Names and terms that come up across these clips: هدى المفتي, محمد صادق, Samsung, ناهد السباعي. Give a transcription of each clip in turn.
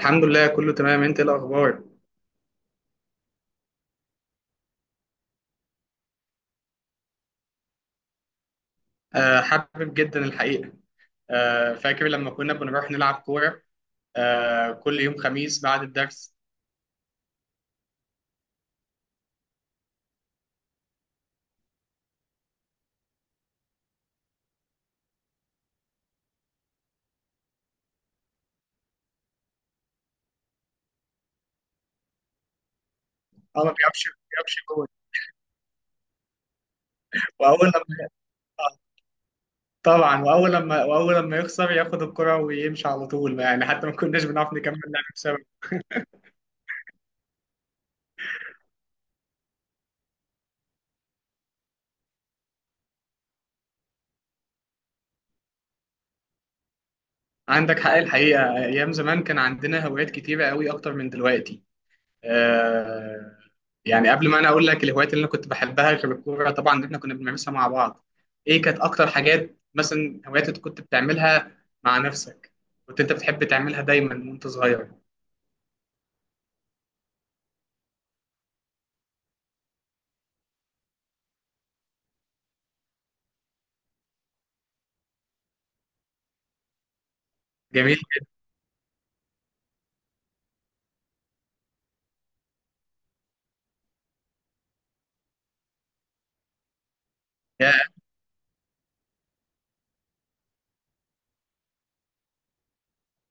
الحمد لله، كله تمام. انت ايه الاخبار؟ آه، حابب جدا الحقيقه. آه، فاكر لما كنا بنروح نلعب كوره. آه، كل يوم خميس بعد الدرس. اه، ما بيقفش ما بيقفش جول. واول لما آه، طبعا واول لما يخسر ياخد الكره ويمشي على طول، يعني حتى ما كناش بنعرف نكمل لعب بسبب. عندك حق الحقيقه. ايام زمان كان عندنا هوايات كتيره قوي، اكتر من دلوقتي. آه، يعني قبل ما انا اقول لك الهوايات اللي انا كنت بحبها غير الكوره طبعا، إن احنا كنا بنمارسها مع بعض، ايه كانت اكتر حاجات مثلا، هوايات انت كنت بتعملها مع نفسك، كنت انت بتحب تعملها دايما وانت صغير؟ جميل. يا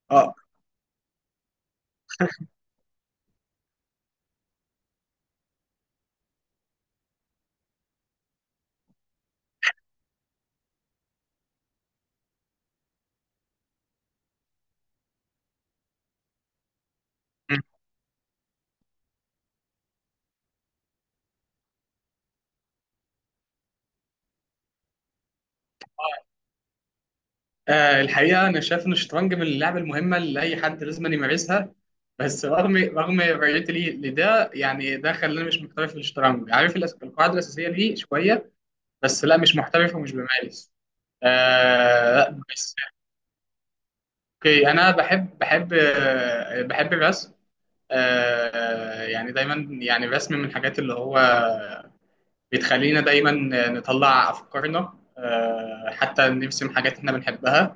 اه. الحقيقه انا شايف ان الشطرنج من اللعب المهمه اللي اي حد لازم أن يمارسها. بس رغم رؤيتي ليه لده، يعني ده خلاني مش محترف في الشطرنج. عارف القاعده الاساسيه ليه شويه، بس لا، مش محترف ومش بمارس. آه لا، بس. اوكي، انا بحب الرسم. آه، يعني دايما يعني الرسم من الحاجات اللي هو بتخلينا دايما نطلع افكارنا، حتى نرسم حاجات احنا بنحبها.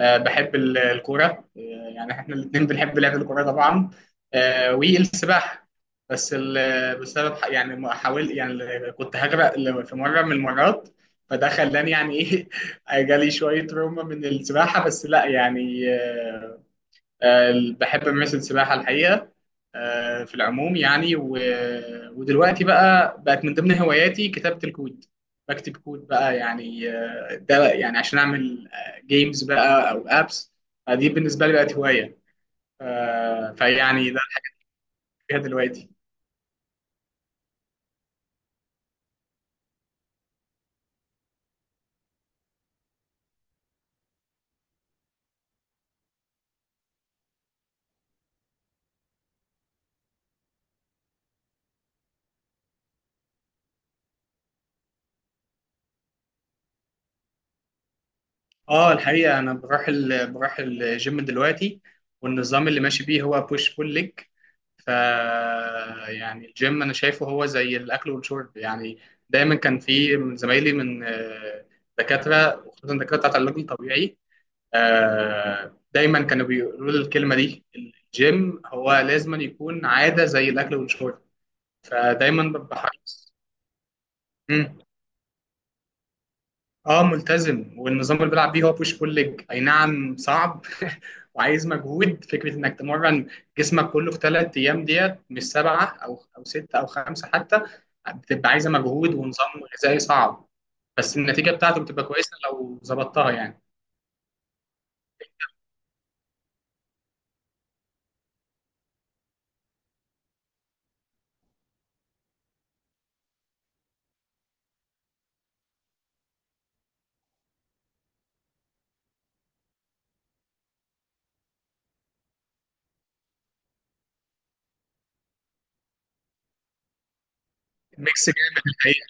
آه، بحب الكوره. آه، يعني احنا الاثنين بنحب لعب الكوره طبعا. آه، والسباحه. بس بسبب يعني ما حاول، يعني كنت هغرق في مره من المرات، فده خلاني يعني ايه جالي شويه روما من السباحه، بس لا يعني، آه، بحب أمارس السباحة الحقيقة. في العموم يعني ودلوقتي بقى بقت من ضمن هواياتي كتابة الكود. بكتب كود بقى، يعني ده يعني عشان أعمل جيمز بقى أو أبس. دي بالنسبة لي بقت هواية. فيعني ده فيها دلوقتي. اه، الحقيقة أنا بروح بروح الجيم دلوقتي، والنظام اللي ماشي بيه هو بوش بول ليج، ف يعني الجيم انا شايفه هو زي الاكل والشرب يعني. دايما كان في من زمايلي من دكاتره، وخصوصا الدكاتره بتاعت العلاج الطبيعي. آه، دايما كانوا بيقولوا لي الكلمه دي: الجيم هو لازم يكون عاده زي الاكل والشرب. فدايما ببقى حريص. اه، ملتزم، والنظام اللي بيلعب بيه هو بوش بول ليج، اي نعم، صعب وعايز مجهود. فكره انك تمرن جسمك كله في 3 ايام ديت، مش سبعه او سته او خمسه حتى. بتبقى عايزه مجهود ونظام غذائي صعب، بس النتيجه بتاعته بتبقى كويسه لو ظبطتها يعني. ميكس جامد الحقيقه.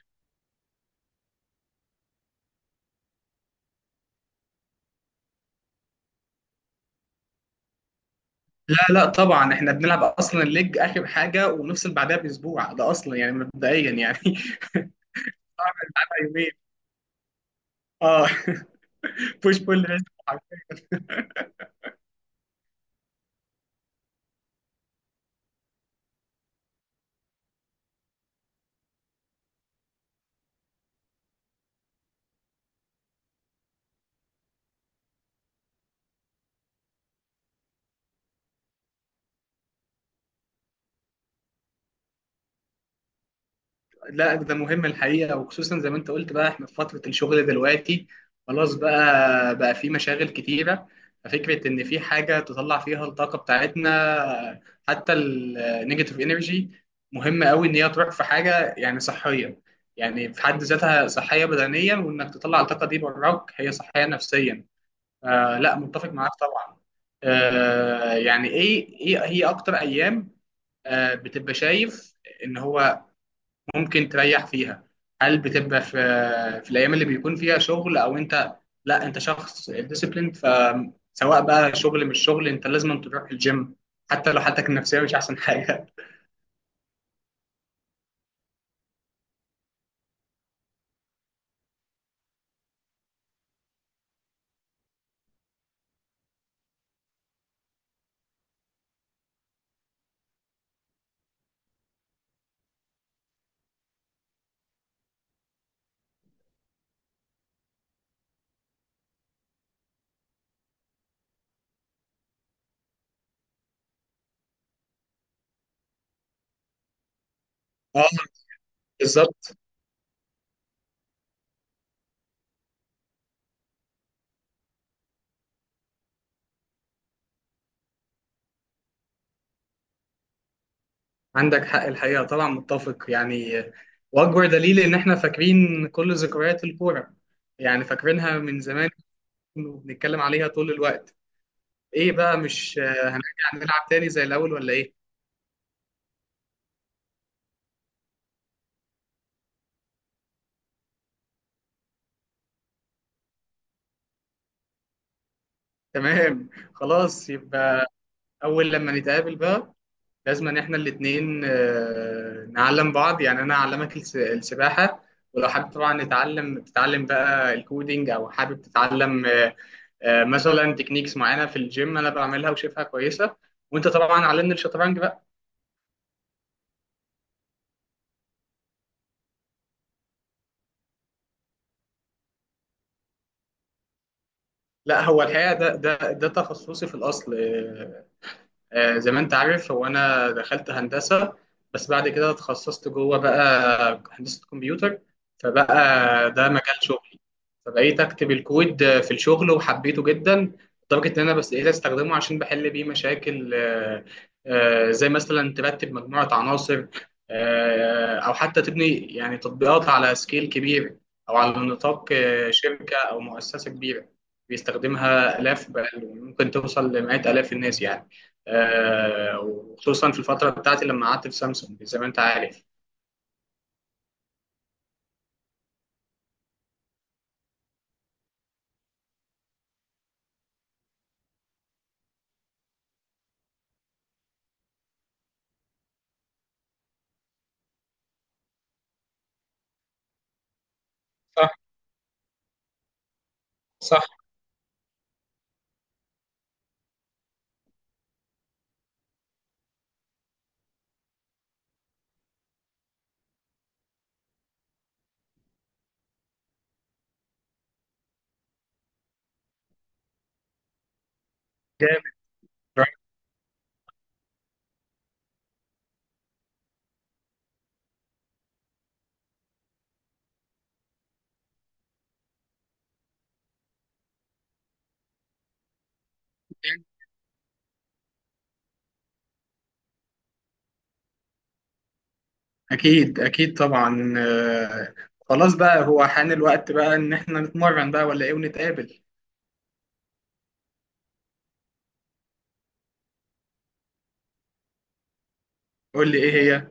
لا لا، طبعا احنا بنلعب اصلا الليج اخر حاجه ونفصل بعدها باسبوع، ده اصلا يعني مبدئيا يعني. يومين. اه. بوش بول. لا، ده مهم الحقيقة، وخصوصا زي ما انت قلت بقى، احنا في فترة الشغل دلوقتي، خلاص بقى في مشاغل كتيرة. ففكرة ان في حاجة تطلع فيها الطاقة بتاعتنا حتى النيجاتيف انرجي، مهمة قوي. ان هي تروح في حاجة يعني صحية، يعني في حد ذاتها صحية بدنيا، وانك تطلع الطاقة دي براك هي صحية نفسيا. آه لا، متفق معاك طبعا. آه، يعني ايه هي اكتر ايام بتبقى شايف ان هو ممكن تريح فيها؟ هل بتبقى في الايام اللي بيكون فيها شغل، او انت، لا، انت شخص ديسيبلين، فسواء بقى شغل مش شغل انت لازم تروح الجيم حتى لو حالتك النفسيه مش احسن حاجه؟ اه، بالظبط. عندك حق الحقيقه طبعا، متفق يعني. واكبر دليل ان احنا فاكرين كل ذكريات الكوره، يعني فاكرينها من زمان وبنتكلم عليها طول الوقت. ايه بقى، مش هنرجع نلعب تاني زي الاول ولا ايه؟ تمام، خلاص. يبقى اول لما نتقابل بقى، لازم ان احنا الاثنين نعلم بعض، يعني انا اعلمك السباحه، ولو حابب طبعا تتعلم بقى الكودينج، او حابب تتعلم مثلا تكنيكس معينه في الجيم انا بعملها وشايفها كويسه، وانت طبعا علمني الشطرنج بقى. لا، هو الحقيقه ده تخصصي في الاصل. زي ما انت عارف، هو انا دخلت هندسه بس بعد كده اتخصصت جوه بقى هندسه كمبيوتر، فبقى ده مجال شغلي. فبقيت اكتب الكود في الشغل وحبيته جدا، لدرجه ان انا بس بقيت استخدمه عشان بحل بيه مشاكل، زي مثلا ترتب مجموعه عناصر، او حتى تبني يعني تطبيقات على سكيل كبير، او على نطاق شركه او مؤسسه كبيره بيستخدمها الاف، بل ممكن توصل لمئات الاف الناس يعني. وخصوصا في الفترة بتاعتي لما قعدت في سامسونج زي ما انت عارف. صح، صح. جامد. رايح. اكيد اكيد طبعا. خلاص بقى، هو حان الوقت بقى ان احنا نتمرن بقى ولا ايه، ونتقابل؟ قول لي، ايه هي؟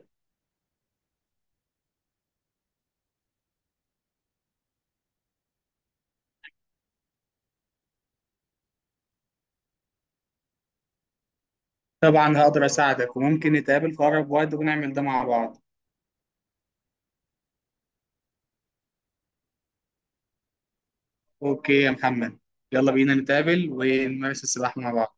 طبعا هقدر اساعدك، وممكن نتقابل في اقرب وقت ونعمل ده مع بعض. اوكي يا محمد، يلا بينا نتقابل ونمارس السباحة مع بعض.